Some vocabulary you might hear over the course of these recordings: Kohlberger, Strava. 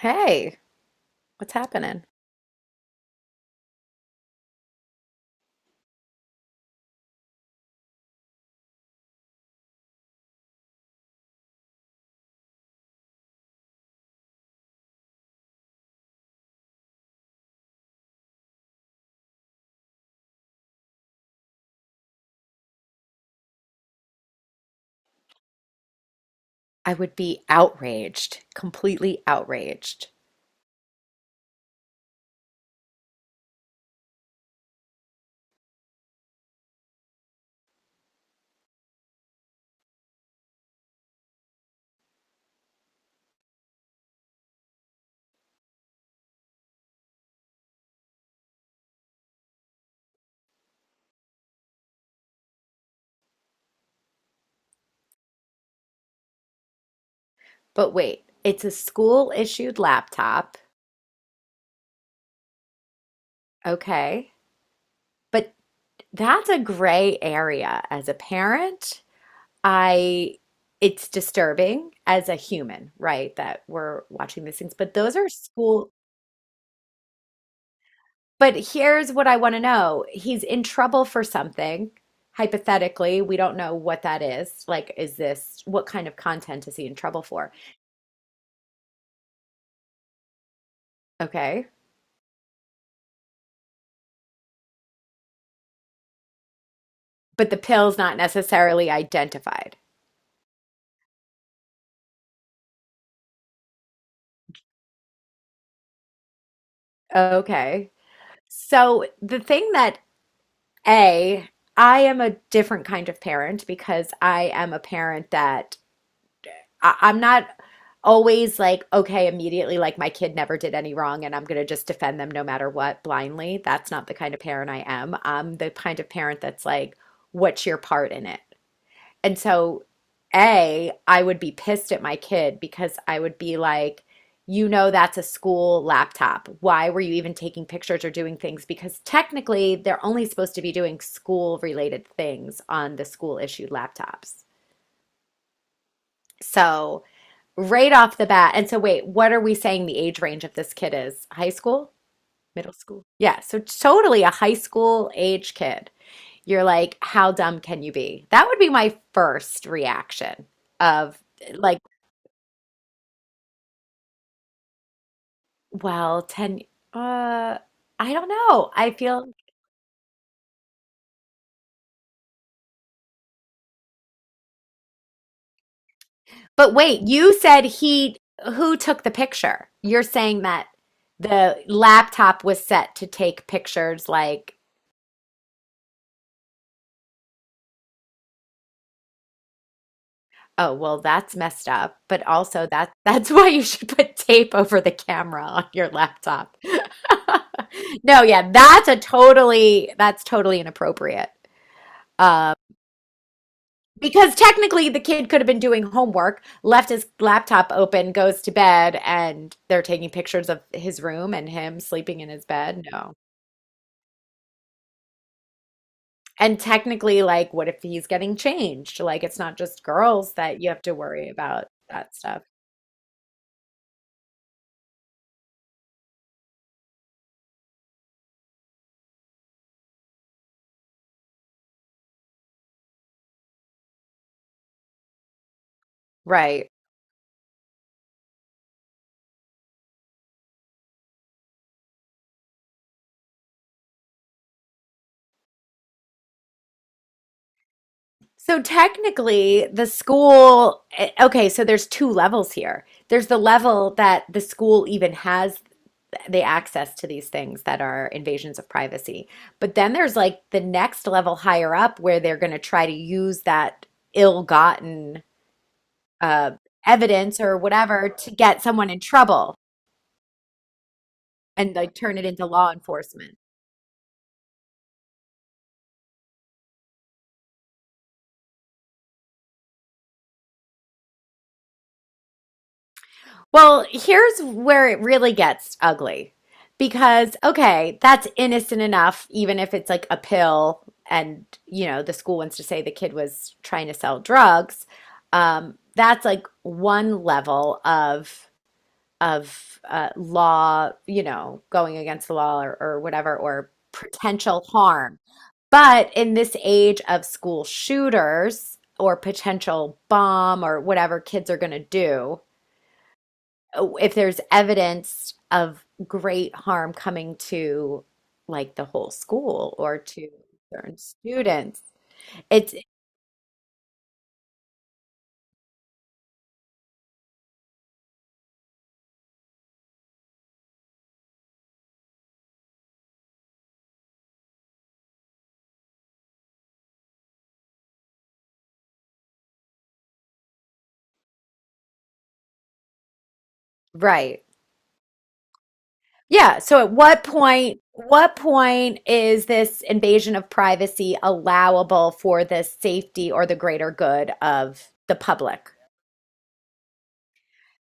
Hey, what's happening? I would be outraged, completely outraged. But wait, it's a school issued laptop. Okay. But that's a gray area as a parent. I It's disturbing as a human, right, that we're watching these things. But those are school. But here's what I want to know. He's in trouble for something. Hypothetically, we don't know what that is. Like, is this what kind of content is he in trouble for? Okay. But the pill's not necessarily identified. Okay. So the thing that A, I am a different kind of parent because I am a parent that I'm not always like, okay, immediately, like my kid never did any wrong and I'm going to just defend them no matter what blindly. That's not the kind of parent I am. I'm the kind of parent that's like, what's your part in it? And so, A, I would be pissed at my kid because I would be like, you know, that's a school laptop. Why were you even taking pictures or doing things? Because technically, they're only supposed to be doing school related things on the school issued laptops. So, right off the bat, and so wait, what are we saying the age range of this kid is? High school? Middle school? Yeah, so totally a high school age kid. You're like, how dumb can you be? That would be my first reaction of like, well, 10, uh, I don't know. But wait, you said who took the picture? You're saying that the laptop was set to take pictures like, oh, well, that's messed up, but also that that's why you should put tape over the camera on your laptop. No, yeah, that's a totally, that's totally inappropriate. Um, because technically the kid could have been doing homework, left his laptop open, goes to bed, and they're taking pictures of his room and him sleeping in his bed. No. And technically, like, what if he's getting changed? Like, it's not just girls that you have to worry about that stuff. Right. So technically, the school, eh, okay, so there's two levels here. There's the level that the school even has the access to these things that are invasions of privacy. But then there's like the next level higher up where they're going to try to use that ill-gotten uh, evidence or whatever to get someone in trouble and like turn it into law enforcement. Well, here's where it really gets ugly because, okay, that's innocent enough, even if it's like a pill and, you know, the school wants to say the kid was trying to sell drugs. That's like one level of law, you know, going against the law or whatever, or potential harm. But in this age of school shooters or potential bomb or whatever kids are going to do, if there's evidence of great harm coming to like the whole school or to certain students. It's Right. Yeah. So at what point is this invasion of privacy allowable for the safety or the greater good of the public?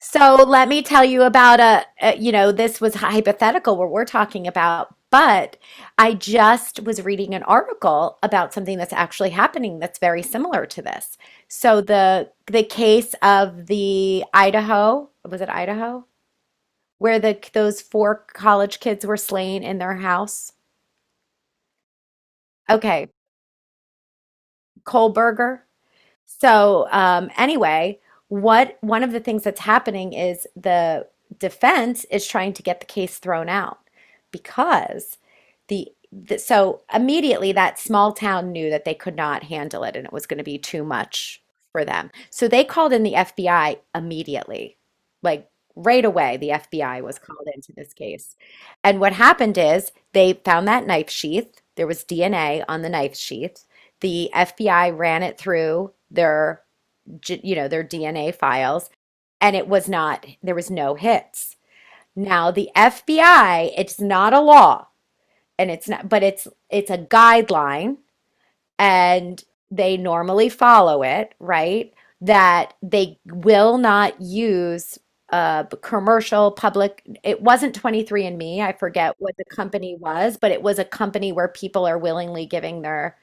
So let me tell you about you know, this was hypothetical what we're talking about, but I just was reading an article about something that's actually happening that's very similar to this. So the case of the Idaho, was it Idaho? Where the those 4 college kids were slain in their house. Okay, Kohlberger. So anyway, what one of the things that's happening is the defense is trying to get the case thrown out because the so immediately that small town knew that they could not handle it and it was going to be too much for them. So they called in the FBI immediately. Like right away, the FBI was called into this case. And what happened is they found that knife sheath. There was DNA on the knife sheath. The FBI ran it through their, you know, their DNA files, and it was not, there was no hits. Now, the FBI, it's not a law, and it's not, but it's a guideline and they normally follow it, right? That they will not use commercial public it wasn't 23 and Me. I forget what the company was, but it was a company where people are willingly giving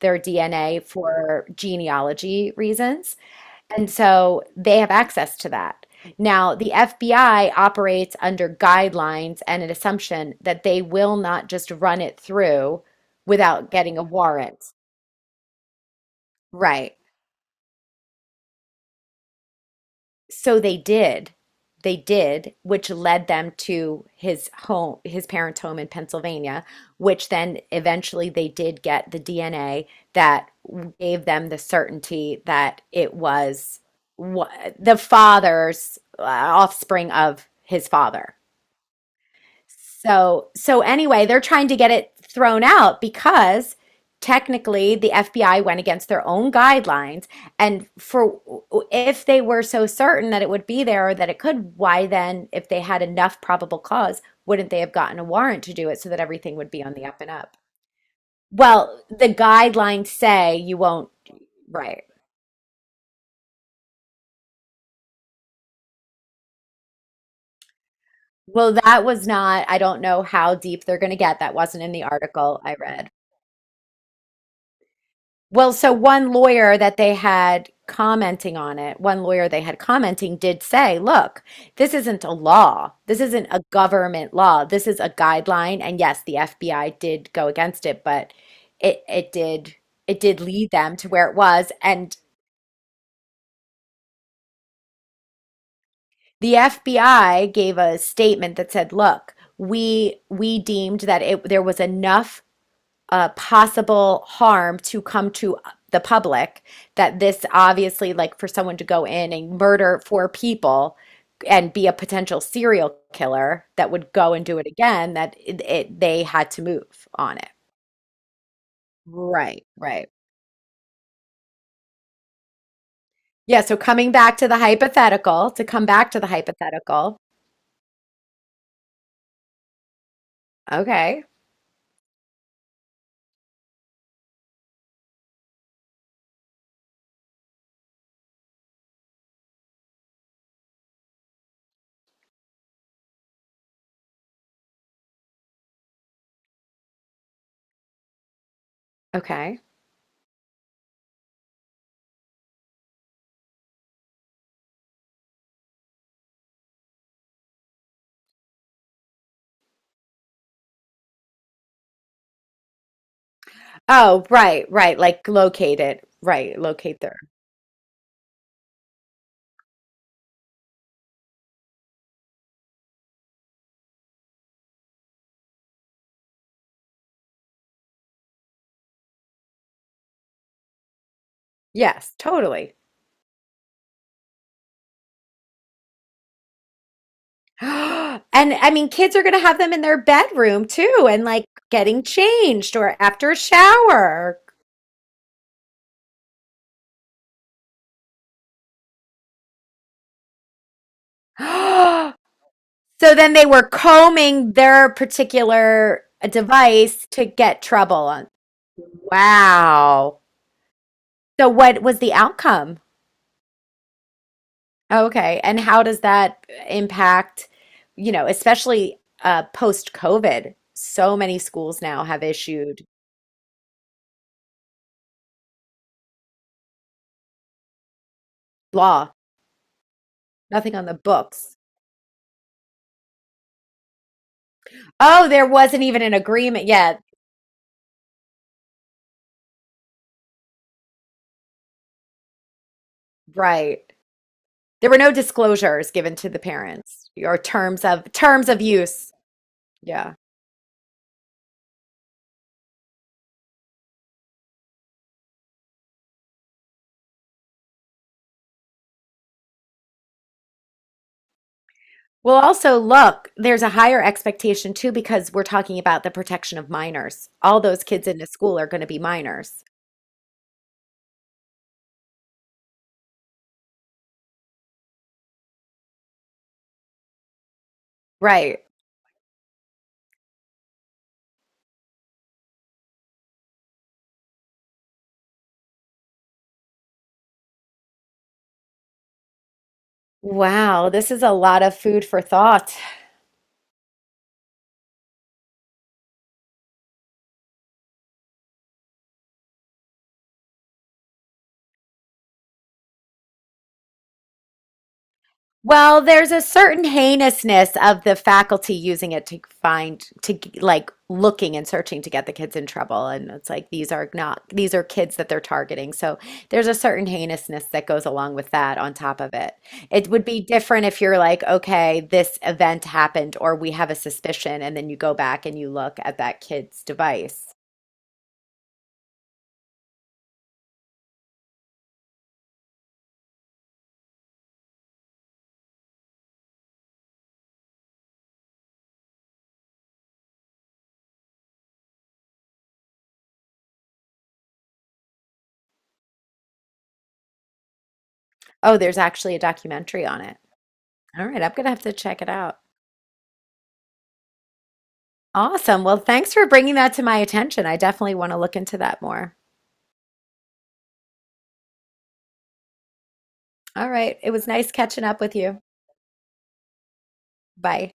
their DNA for genealogy reasons. And so they have access to that. Now, the FBI operates under guidelines and an assumption that they will not just run it through without getting a warrant. Right. So they did. They did, which led them to his home, his parents' home in Pennsylvania, which then eventually they did get the DNA that gave them the certainty that it was wha- the father's offspring of his father. So anyway, they're trying to get it thrown out because technically the FBI went against their own guidelines. And for if they were so certain that it would be there or that it could, why then, if they had enough probable cause, wouldn't they have gotten a warrant to do it so that everything would be on the up and up? Well, the guidelines say you won't, right. Well, that was not, I don't know how deep they're going to get. That wasn't in the article I read. Well, so one lawyer that they had commenting on it, one lawyer they had commenting did say, look, this isn't a law. This isn't a government law. This is a guideline. And yes, the FBI did go against it, but it did it did lead them to where it was. And the FBI gave a statement that said, look, we deemed that it there was enough possible harm to come to the public that this obviously like for someone to go in and murder four people and be a potential serial killer that would go and do it again that it they had to move on it right right yeah. So coming back to the hypothetical to come back to the hypothetical. Okay. Okay, oh right right like locate it right locate there. Yes, totally. And I mean, kids are going to have them in their bedroom too, and like getting changed or after a shower. So then they were combing their particular device to get trouble on. Wow. So what was the outcome? Okay. And how does that impact, you know, especially post COVID? So many schools now have issued law, nothing on the books. Oh, there wasn't even an agreement. Yeah, right. There were no disclosures given to the parents or terms of use. Yeah. Well, also look, there's a higher expectation too because we're talking about the protection of minors. All those kids in the school are going to be minors. Right. Wow, this is a lot of food for thought. Well, there's a certain heinousness of the faculty using it to find, to like looking and searching to get the kids in trouble. And it's like these are not, these are kids that they're targeting. So there's a certain heinousness that goes along with that on top of it. It would be different if you're like, okay, this event happened or we have a suspicion. And then you go back and you look at that kid's device. Oh, there's actually a documentary on it. All right, I'm gonna have to check it out. Awesome. Well, thanks for bringing that to my attention. I definitely want to look into that more. All right. It was nice catching up with you. Bye.